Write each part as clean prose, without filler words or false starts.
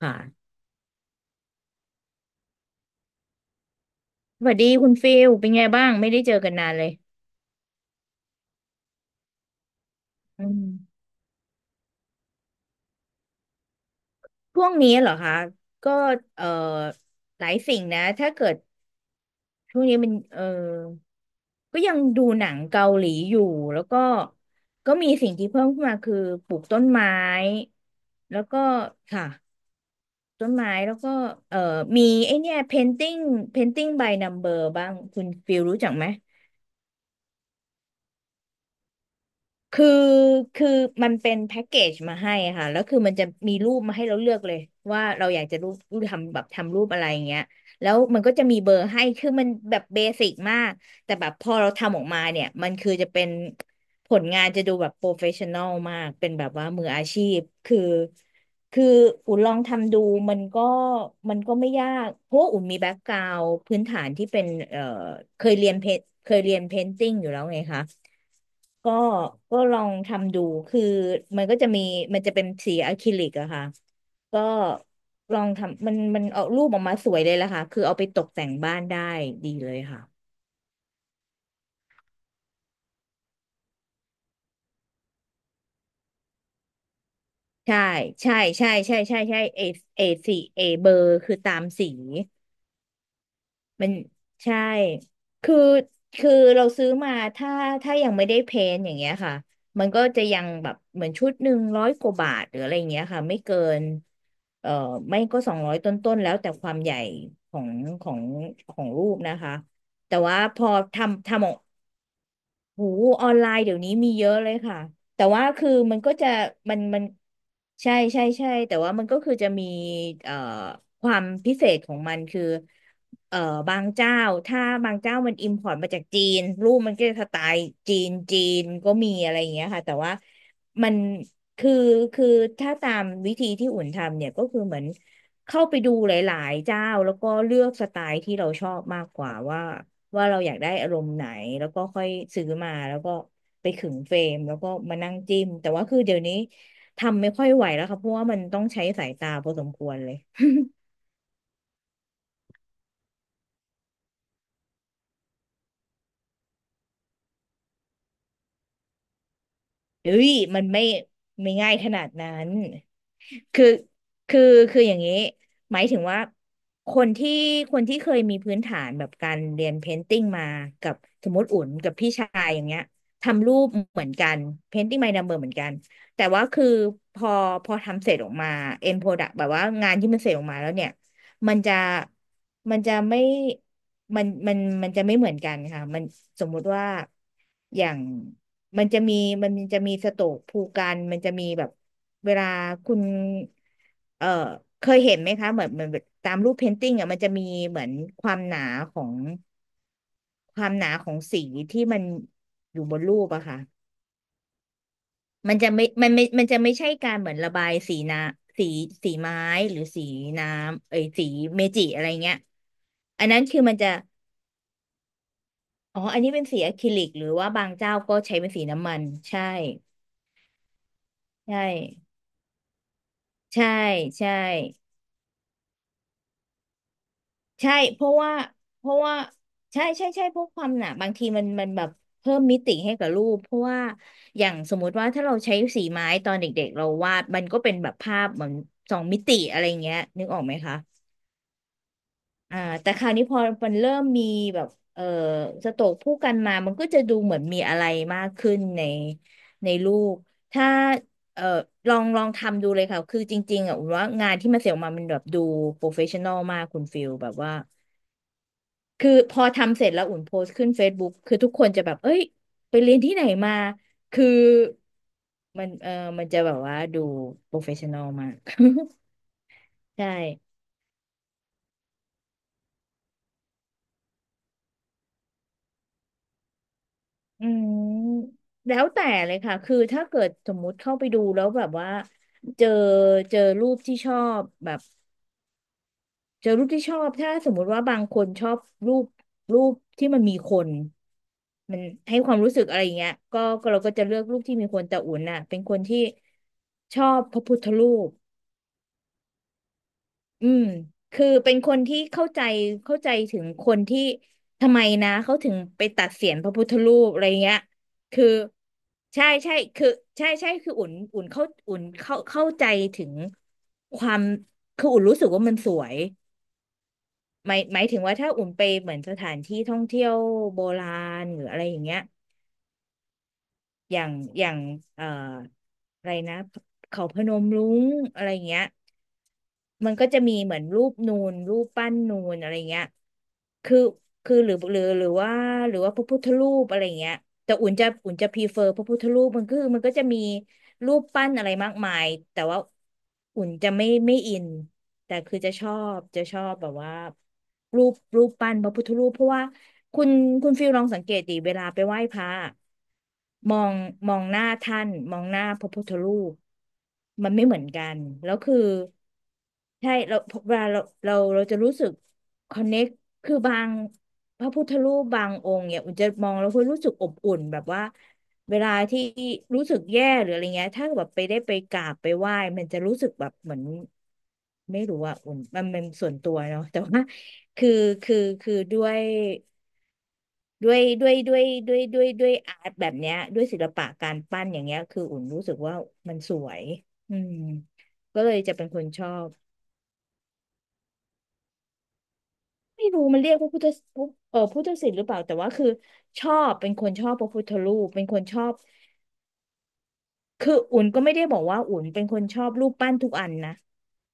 ค่ะสวัสดีคุณฟิลเป็นไงบ้างไม่ได้เจอกันนานเลยอืมช่วงนี้เหรอคะก็เอ่อหลายสิ่งนะถ้าเกิดช่วงนี้มันก็ยังดูหนังเกาหลีอยู่แล้วก็มีสิ่งที่เพิ่มขึ้นมาคือปลูกต้นไม้แล้วก็ค่ะต้นไม้แล้วก็เอ่อมีไอเนี่ย painting by number บ้างคุณฟิลรู้จักไหม คือคือมันเป็นแพ็กเกจมาให้ค่ะแล้วคือมันจะมีรูปมาให้เราเลือกเลยว่าเราอยากจะรูปรูปทำแบบทำรูปอะไรอย่างเงี้ยแล้วมันก็จะมีเบอร์ให้คือมันแบบเบสิกมากแต่แบบพอเราทำออกมาเนี่ยมันคือจะเป็นผลงานจะดูแบบโปรเฟชชั่นอลมากเป็นแบบว่ามืออาชีพคือคืออุ่นลองทำดูมันก็มันก็ไม่ยากเพราะว่าอุ่นมีแบ็กกราว n d พื้นฐานที่เป็นเคยเรียนเพเคยเรียนเพนติ้งอยู่แล้วไงคะ ก็ก็ลองทำดูคือมันก็จะมีมันจะเป็นสีอะคริลิกอะค่ะก็ลองทำมันเอารูปออกมาสวยเลยล่ะค่ะคือเอาไปตกแต่งบ้านได้ดีเลยค่ะใช่ใช่ใช่ใช่ใช่ใช่เอสีเอเบอร์คือตามสี มันใช่คือคือเราซื้อมาถ้ายังไม่ได้เพนท์อย่างเงี้ยค่ะมันก็จะยังแบบเหมือนชุด100กว่าบาทหรืออะไรอย่างเงี้ยค่ะไม่เกินเอ่อไม่ก็200ต้นๆแล้วแต่ความใหญ่ของของของรูปนะคะแต่ว่าพอทำทำ โหออนไลน์เดี๋ยวนี้มีเยอะเลยค่ะแต่ว่าคือมันก็จะมันใช่ใช่ใช่แต่ว่ามันก็คือจะมีเอ่อความพิเศษของมันคือเอ่อบางเจ้าถ้าบางเจ้ามันอิมพอร์ตมาจากจีนรูปมันก็จะสไตล์จีนจีนก็มีอะไรอย่างเงี้ยค่ะแต่ว่ามันคือคือถ้าตามวิธีที่อุ่นทำเนี่ยก็คือเหมือนเข้าไปดูหลายๆเจ้าแล้วก็เลือกสไตล์ที่เราชอบมากกว่าว่าเราอยากได้อารมณ์ไหนแล้วก็ค่อยซื้อมาแล้วก็ไปขึงเฟรมแล้วก็มานั่งจิ้มแต่ว่าคือเดี๋ยวนี้ทำไม่ค่อยไหวแล้วค่ะเพราะว่ามันต้องใช้สายตาพอสมควรเลย เฮ้ยมันไม่ง่ายขนาดนั้นคือคือคืออย่างนี้หมายถึงว่าคนที่คนที่เคยมีพื้นฐานแบบการเรียนเพนติ้งมากับสมมติอุ่นกับพี่ชายอย่างเงี้ยทำรูปเหมือนกันเพนติ้ง by number เหมือนกันแต่ว่าคือพอพอทำเสร็จออกมา end product แบบว่างานที่มันเสร็จออกมาแล้วเนี่ยมันจะมันจะไม่ มันมันมันจะไม่เหมือนกันค่ะมันสมมุติว่าอย่างมันจะมีมันจะมีสโตรกภูกันมันจะมีแบบเวลาคุณเอ่อเคยเห็นไหมคะเหมือนตามรูปเพนติ้งอ่ะมันจะมีเหมือนความหนาของความหนาของสีที่มันอยู่บนรูปอะค่ะมันจะไม่ใช่การเหมือนระบายสีน้ำสีไม้หรือสีน้ำเอ้ยสีเมจิอะไรเงี้ยอันนั้นคือมันจะ อ๋ออันนี้เป็นสีอะคริลิกหรือว่าบางเจ้าก็ใช้เป็นสีน้ำมันใช่ใช่ใช่ใช่ใช่เพราะว่าใช่ใช่ใช่เพวกความหนาบางทีมันแบบเพิ่มมิติให้กับรูปเพราะว่าอย่างสมมุติว่าถ้าเราใช้สีไม้ตอนเด็กๆเราวาดมันก็เป็นแบบภาพเหมือนสองมิติอะไรเงี้ยนึกออกไหมคะ อ่าแต่คราวนี้พอมันเริ่มมีแบบเออสโตรกผู้กันมา มันก็จะดูเหมือนมีอะไรมากขึ้นในลูกถ้าเออลองลองทำดูเลยค่ะคือจริงๆอ่ะอุ่นว่างานที่มันเสร็จออกมามันแบบดูโปรเฟชชั่นอลมากคุณฟิลแบบว่าคือพอทำเสร็จแล้วอุ่นโพสต์ขึ้น Facebook คือทุกคนจะแบบเอ้ยไปเรียนที่ไหนมา คือมันมันจะแบบว่าดูโปรเฟชชั่นอลมาก ใช่ อืมแล้วแต่เลยค่ะคือถ้าเกิดสมมุติเข้าไปดูแล้วแบบว่าเจอเจอรูปที่ชอบแบบเจอรูปที่ชอบถ้าสมมุติว่าบางคนชอบรูปรูปที่มันมีคนมันให้ความรู้สึกอะไรอย่างเงี้ยก็เราก็จะเลือกรูปที่มีคนแต่อุ่นน่ะเป็นคนที่ชอบพระพุทธรูป อืมคือเป็นคนที่เข้าใจถึงคนที่ทำไมนะเขาถึงไปตัดเศียรพระพุทธรูปอะไรเงี้ยคือใช่ใช่คือใช่ใช่คืออุ่นเข้าใจถึงความคืออุ่นรู้สึกว่ามันสวยหมายถึงว่าถ้าอุ่นไปเหมือนสถานที่ท่องเที่ยวโบราณหรืออะไรอย่างเงี้ย อย่างอย่างเอ่ออะไรนะเขาพนมรุ้งอะไรเงี้ยมันก็จะมีเหมือนรูปนูนรูปปั้นนูนอะไรเงี้ยคือคือหรือว่าพระพุทธรูปอะไรเงี้ยแต่อุ่นจะพรีเฟอร์พระพุทธรูปมันคือมันก็จะมีรูปปั้นอะไรมากมายแต่ว่าอุ่นจะไม่อิน แต่คือจะชอบจะชอบแบบว่ารูปปั้นพระพุทธรูปเพราะว่าคุณคุณฟิลลองสังเกตดิเวลาไปไหว้พระอะมองมองหน้าท่านมองหน้าพระพุทธรูปมันไม่เหมือนกันแล้วคือใช่เราเวลาเราจะรู้สึกคอนเน็กคือบางพระพุทธรูปบางองค์เนี่ยอุ่นจะมองแล้วคุณรู้สึกอบอุ่นแบบว่า เวลาที่รู้สึกแย่หรืออะไรเงี้ยถ้าแบบไปได้ไปกราบไปไหว้มันจะรู้สึกแบบเหมือนไม่รู้อะอุ่นมันส่วนตัวเนาะแต่ว่าคือคือคือด้วยด้วยด้วยด้วยด้วยด้วยด้วยอาร์ตแบบเนี้ยด้วยศิลปะการปั้นอย่างเงี้ยคืออุ่นรู้สึกว่ามันสวยอืมก็เลยจะเป็นคนชอบไม่รู้มันเรียกว่าพุทธศิลป์หรือเปล่าแต่ว่าคือชอบเป็นคนชอบพระพุทธรูปเป็นคนชอบ คืออุ่นก็ไม่ได้บอกว่าอุ่นเป็นคนชอบรูปปั้นทุกอันนะ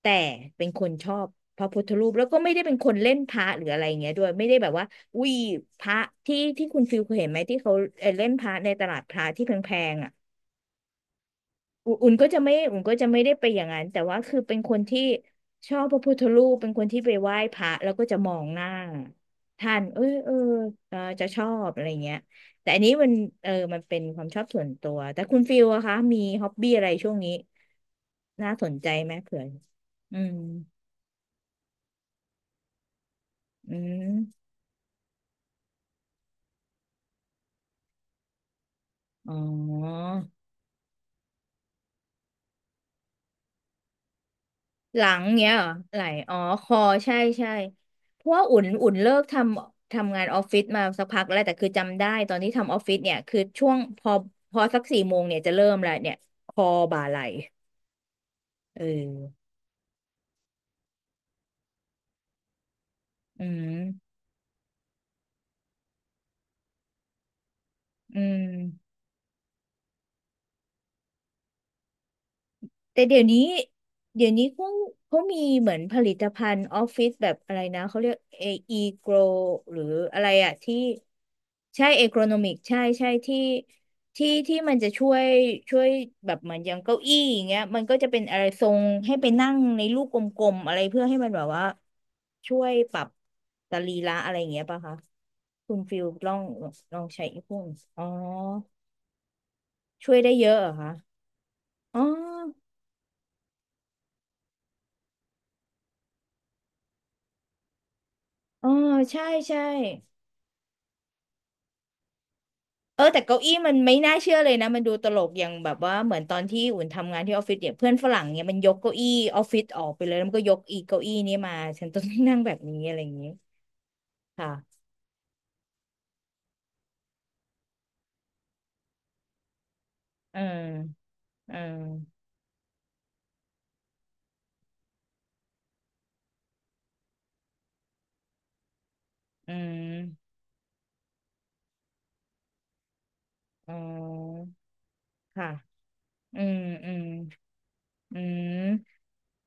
แต่เป็นคนชอบพระพุทธรูปแล้วก็ไม่ได้เป็นคนเล่นพระหรืออะไรอย่างเงี้ยด้วยไม่ได้แบบว่าอุ้ยพระที่คุณฟิลเคยเห็นไหมที่เขาเล่นพระในตลาดพระที่แพงๆอ่ะ อุอุ่นก็จะไม่อุ่นก็จะไม่ได้ไปอย่างนั้น แต่ว่าคือเป็นคนที่ชอบพระพุทธรูปเป็นคนที่ไปไหว้พระแล้วก็จะมองหน้าท่าน เออจะชอบอะไรเงี้ยแต่อันนี้มันเออมันเป็นความชอบส่วนตัว แต่คุณฟิลอะคะมีฮ็อบบี้อะไรช่วงนี้ น่าสนใจไหมเผื่ออืมอืมอ๋อ หลังเงี้ยเหรอไหลอ๋อคอใช่ใช่เพราะว่าอุ่นเลิกทำทำงานออฟฟิศมาสักพักแล้วแต่คือจำได้ตอนที่ทำออฟฟิศเนี่ยคือช่วงพอสักสี่โมงเนี่ยจะเริ่มแล้วเนี่ยคอบ่าไหลเอออืมอืม แต่เดี๋ยวนี้เขามีเหมือนผลิตภัณฑ์ออฟฟิศแบบอะไรนะเขาเรียกเออีโกรหรืออะไรอะที่ใช่เอโกรนอมิกใช่ใช่ที่มันจะช่วยช่วยแบบเหมือนอย่างเก้าอี้อย่างเงี้ยมันก็จะเป็นอะไรทรงให้ไปนั่งในลูกกลมๆอะไรเพื่อให้มันแบบว่าช่วยปรับสรีระอะไรอย่างเงี้ยป่ะคะคุณฟิลลองลองใช้อีกพวกนี้อ๋อช่วยได้เยอะเหรอคะอ๋ออ๋อใช่ใช่ เออแต่เก้าอี้มันไม่น่าเชื่อเลยนะมันดูตลกอย่างแบบว่าเหมือนตอนที่อุ่นทำงานที่ออฟฟิศเนี่ยเพื่อนฝรั่งเนี่ยมันยกเก้าอี้ออฟฟิศออกไปเลยแล้วมันก็ยกอีเก้าอี้นี้มาฉันต้องนั่งแบบนี้อะไรอย่างนี้ค่ะเออเอออืมอ๋อค่ะอืมอืมอืม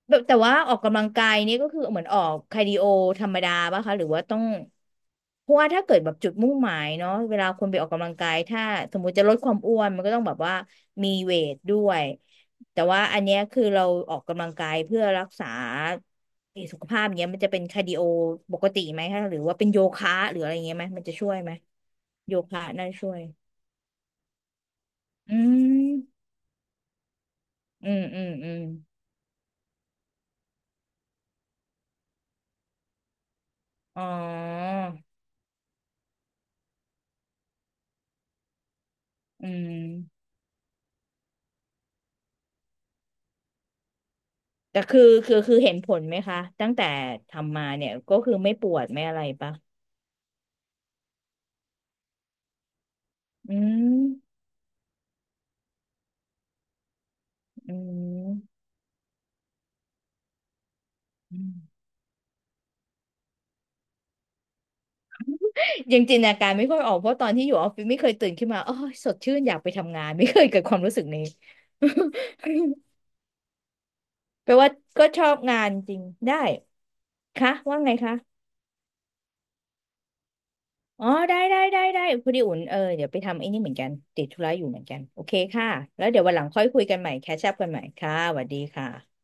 แบบแต่ว่าออกกำลังกายนี่ก็คือเหมือนออกคาร์ดิโอธรรมดาป่ะคะหรือว่าต้องเพราะว่าถ้าเกิดแบบจุดมุ่งหมายเนาะเวลาคนไปออกกำลังกายถ้าสมมุติจะลดความอ้วนมันก็ต้องแบบว่ามีเวทด้วยแต่ว่าอันเนี้ยคือเราออกกำลังกายเพื่อรักษาสุขภาพเนี้ยมันจะเป็นคาร์ดิโอปกติไหมคะหรือว่าเป็นโยคะหรืออะไรเงี้ยไหมมันจะช่วยไหมโยคะน่าช่วยอืมอืมอ๋ออืม แต่คือคือเห็นผลไหมคะตั้งแต่ทำมาเนี่ยก็คือไม่ปวดไม่อะไรปะอืมอืมอืมยังจินตนาการไม่ค่อยออกเพราะตอนที่อยู่ออฟฟิศไม่เคยตื่นขึ้นมาโอ้ยสดชื่นอยากไปทำงานไม่เคยเกิดความรู้สึกนี้ แปลว่าก็ชอบงานจริงได้คะว่าไงคะอ๋อได้พอดีอุ่นเออเดี๋ยวไปทำไอ้นี่เหมือนกันติดธุระอยู่เหมือนกันโอเคค่ะแล้วเดี๋ยววันหลังค่อยคุยกันใหม่แคชอัพกันใหม่ค่ะสวัสดีค่ะ